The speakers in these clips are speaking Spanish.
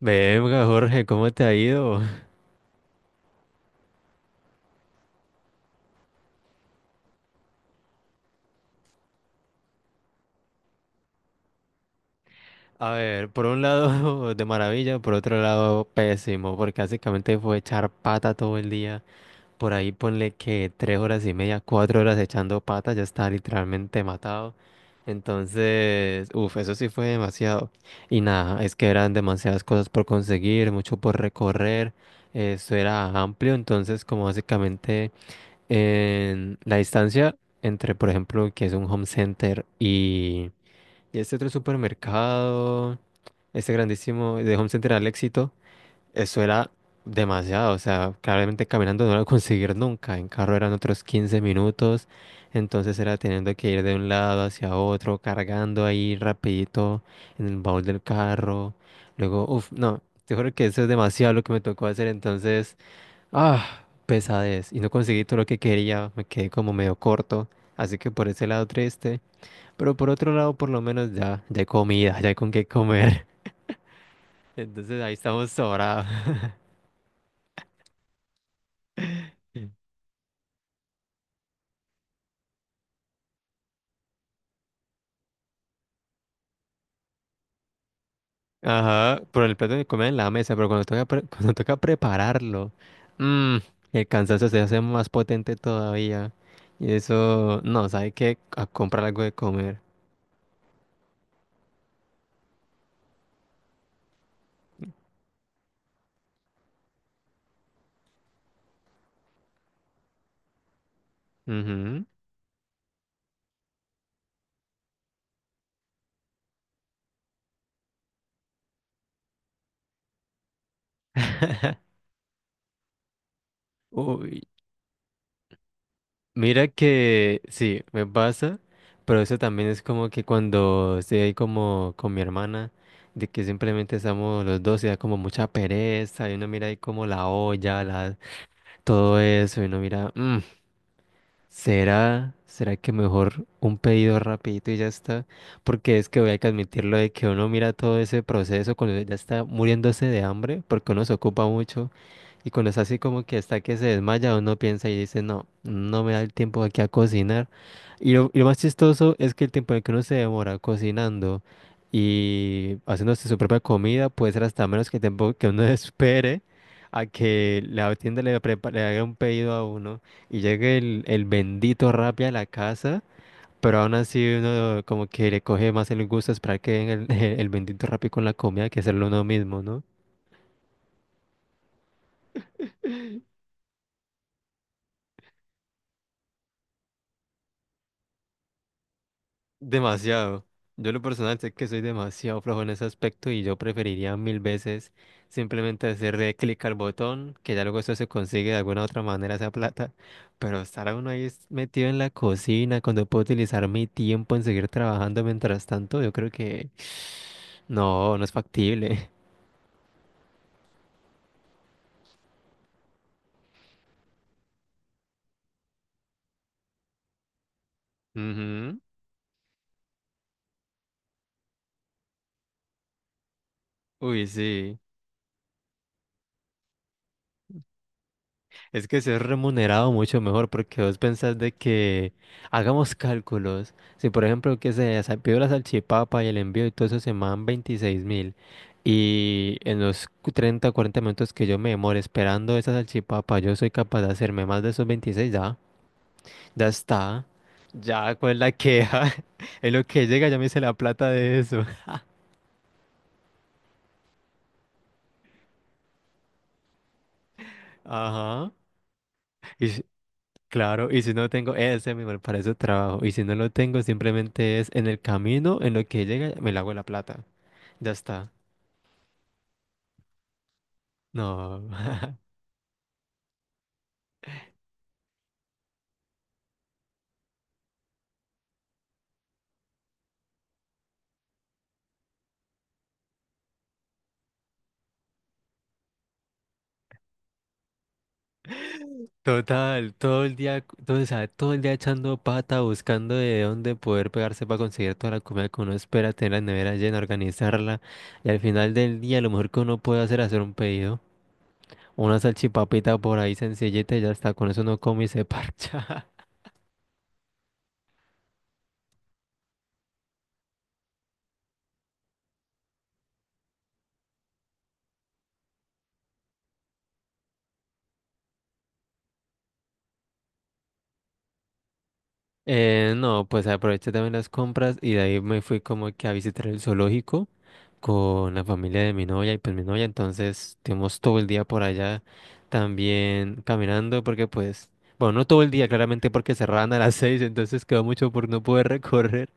Venga, Jorge, ¿cómo te ha ido? A ver, por un lado de maravilla, por otro lado pésimo, porque básicamente fue echar pata todo el día. Por ahí ponle que 3 horas y media, 4 horas echando pata, ya está literalmente matado. Entonces, uff, eso sí fue demasiado. Y nada, es que eran demasiadas cosas por conseguir, mucho por recorrer. Eso era amplio, entonces como básicamente en la distancia entre, por ejemplo, que es un home center y este otro supermercado, este grandísimo de Home Center al Éxito, eso era demasiado. O sea, claramente caminando no lo iba a conseguir nunca. En carro eran otros 15 minutos. Entonces era teniendo que ir de un lado hacia otro, cargando ahí rapidito en el baúl del carro. Luego, uff, no, te juro que eso es demasiado lo que me tocó hacer. Entonces, ah, pesadez. Y no conseguí todo lo que quería. Me quedé como medio corto. Así que por ese lado triste. Pero por otro lado, por lo menos ya hay comida, ya hay con qué comer. Entonces ahí estamos sobrados. Ajá, por el plato de comida en la mesa, pero cuando toca, cuando toca prepararlo, mm, el cansancio se hace más potente todavía. Y eso, no, sabe que a comprar algo de comer. Ujú. Uy, mira que sí, me pasa, pero eso también es como que cuando estoy ahí como con mi hermana, de que simplemente estamos los dos y da como mucha pereza, y uno mira ahí como la olla, todo eso, y uno mira, "Mm". ¿Será que mejor un pedido rapidito y ya está? Porque es que voy a que admitirlo de que uno mira todo ese proceso cuando ya está muriéndose de hambre, porque uno se ocupa mucho y cuando está así como que está que se desmaya, uno piensa y dice, no, no me da el tiempo aquí a cocinar. Y lo más chistoso es que el tiempo en el que uno se demora cocinando y haciéndose su propia comida puede ser hasta menos que el tiempo que uno espere a que la tienda le haga un pedido a uno. Y llega el bendito Rappi a la casa, pero aún así uno como que le coge más el gusto esperar que venga el, el bendito Rappi con la comida que hacerlo uno mismo, ¿no? Demasiado. Yo en lo personal sé que soy demasiado flojo en ese aspecto y yo preferiría mil veces simplemente hacerle clic al botón, que ya luego eso se consigue de alguna otra manera esa plata, pero estar uno ahí metido en la cocina cuando puedo utilizar mi tiempo en seguir trabajando mientras tanto, yo creo que no, no es factible. Uy, sí, es que ser remunerado mucho mejor porque vos pensás de que hagamos cálculos. Si por ejemplo que se pidió la salchipapa y el envío y todo eso se me dan 26 mil y en los 30, 40 minutos que yo me demore esperando esa salchipapa yo soy capaz de hacerme más de esos 26 ya, ya está, ya cuál es la queja, en lo que llega ya me hice la plata de eso. Ajá. Y, Claro, y si no tengo ese mismo para ese trabajo, y si no lo tengo, simplemente es en el camino, en lo que llega, me la hago la plata. Ya está. No. Total, todo el día, todo, o sea, todo el día echando pata, buscando de dónde poder pegarse para conseguir toda la comida que uno espera, tener la nevera llena, organizarla. Y al final del día, lo mejor que uno puede hacer es hacer un pedido. Una salchipapita por ahí sencillita y ya está. Con eso uno come y se parcha. No, pues aproveché también las compras y de ahí me fui como que a visitar el zoológico con la familia de mi novia y pues mi novia, entonces estuvimos todo el día por allá también caminando porque pues, bueno, no todo el día claramente porque cerraban a las 6, entonces quedó mucho por no poder recorrer,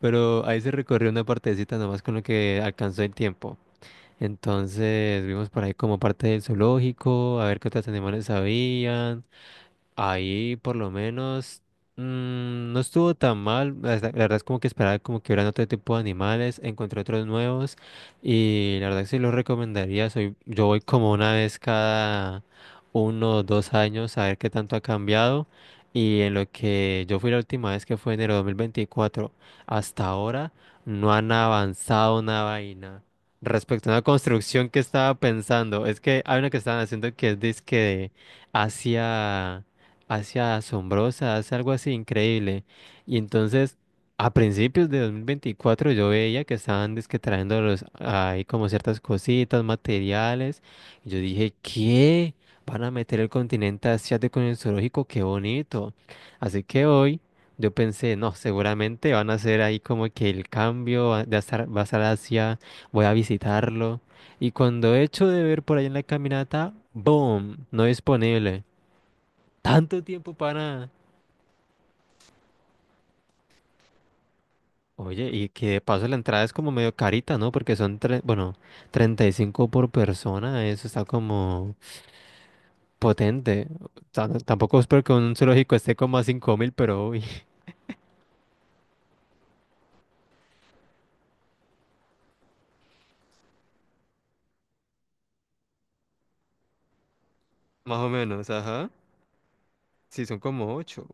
pero ahí se recorrió una partecita nomás con lo que alcanzó el tiempo. Entonces vimos por ahí como parte del zoológico, a ver qué otros animales había. Ahí por lo menos no estuvo tan mal. La verdad es como que esperaba como que hubieran otro tipo de animales. Encontré otros nuevos y la verdad sí los recomendaría. Yo voy como una vez cada uno o 2 años a ver qué tanto ha cambiado. Y en lo que yo fui la última vez que fue enero de 2024 hasta ahora no han avanzado una vaina. Respecto a una construcción que estaba pensando, es que hay una que estaban haciendo que es disque de Asia hacia asombrosa, hace algo así increíble. Y entonces, a principios de 2024 yo veía que estaban dizque trayendo ahí como ciertas cositas, materiales. Y yo dije, ¿qué? Van a meter el continente asiático en el zoológico, qué bonito. Así que hoy yo pensé, no, seguramente van a hacer ahí como que el cambio va a estar Asia, voy a visitarlo. Y cuando he hecho de ver por ahí en la caminata, ¡boom! No disponible. Tanto tiempo para... Oye, y que de paso la entrada es como medio carita, ¿no? Porque son, bueno, 35 por persona, eso está como potente. O sea, tampoco espero que un zoológico esté como a 5.000, pero uy, más o menos, ajá. Sí, son como ocho.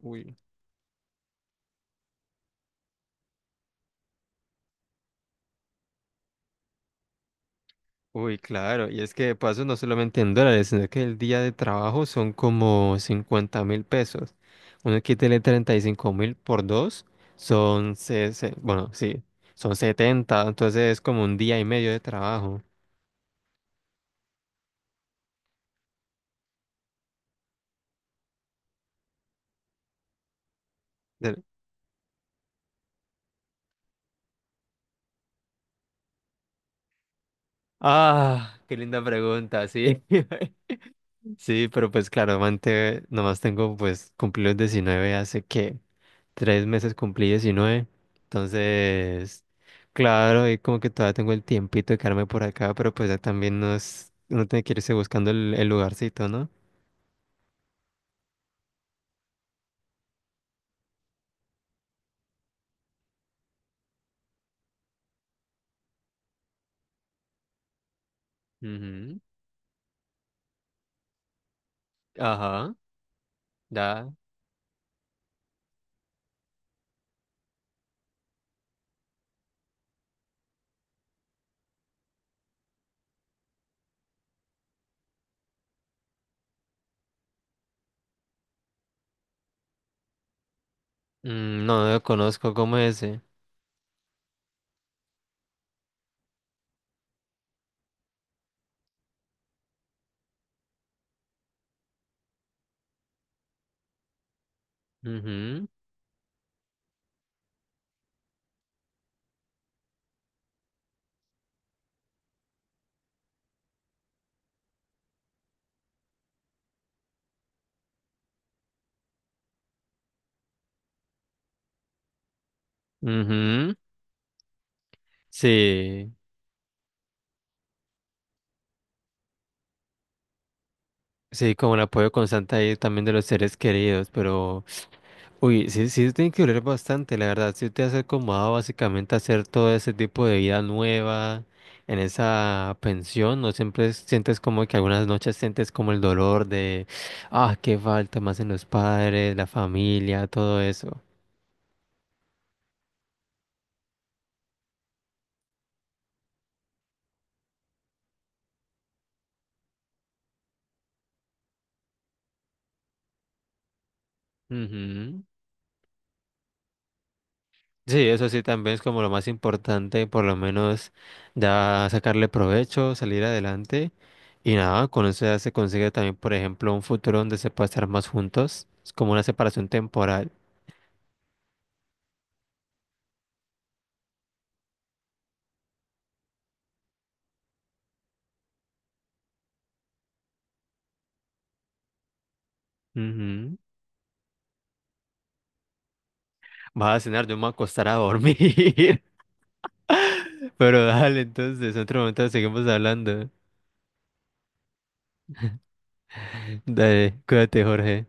Uy, claro, y es que de paso no solamente en dólares, sino que el día de trabajo son como 50.000 pesos. Uno quítele 35.000 por dos, son, bueno, sí, son 70. Entonces es como un día y medio de trabajo. Del- Ah, qué linda pregunta, sí. Sí, pero pues claro, nomás tengo pues cumplí los 19 hace que 3 meses cumplí 19. Entonces, claro, y como que todavía tengo el tiempito de quedarme por acá, pero pues ya también no es, uno tiene que irse buscando el lugarcito, ¿no? Ujú. Ajá, ya. No, lo conozco como ese. Ujú, ujú. Sí, sí, como el apoyo constante ahí también de los seres queridos, pero... Uy, sí, sí, tiene que doler bastante, la verdad. Si te has acomodado básicamente a hacer todo ese tipo de vida nueva en esa pensión, no siempre sientes como que algunas noches sientes como el dolor de, ah, qué falta más en los padres, la familia, todo eso. Ujú. Sí, eso sí también es como lo más importante, por lo menos ya sacarle provecho, salir adelante. Y nada, con eso ya se consigue también, por ejemplo, un futuro donde se pueda estar más juntos. Es como una separación temporal. Ujú. Vas a cenar, yo me voy a acostar a dormir. Pero dale, entonces, en otro momento seguimos hablando. Dale, cuídate, Jorge.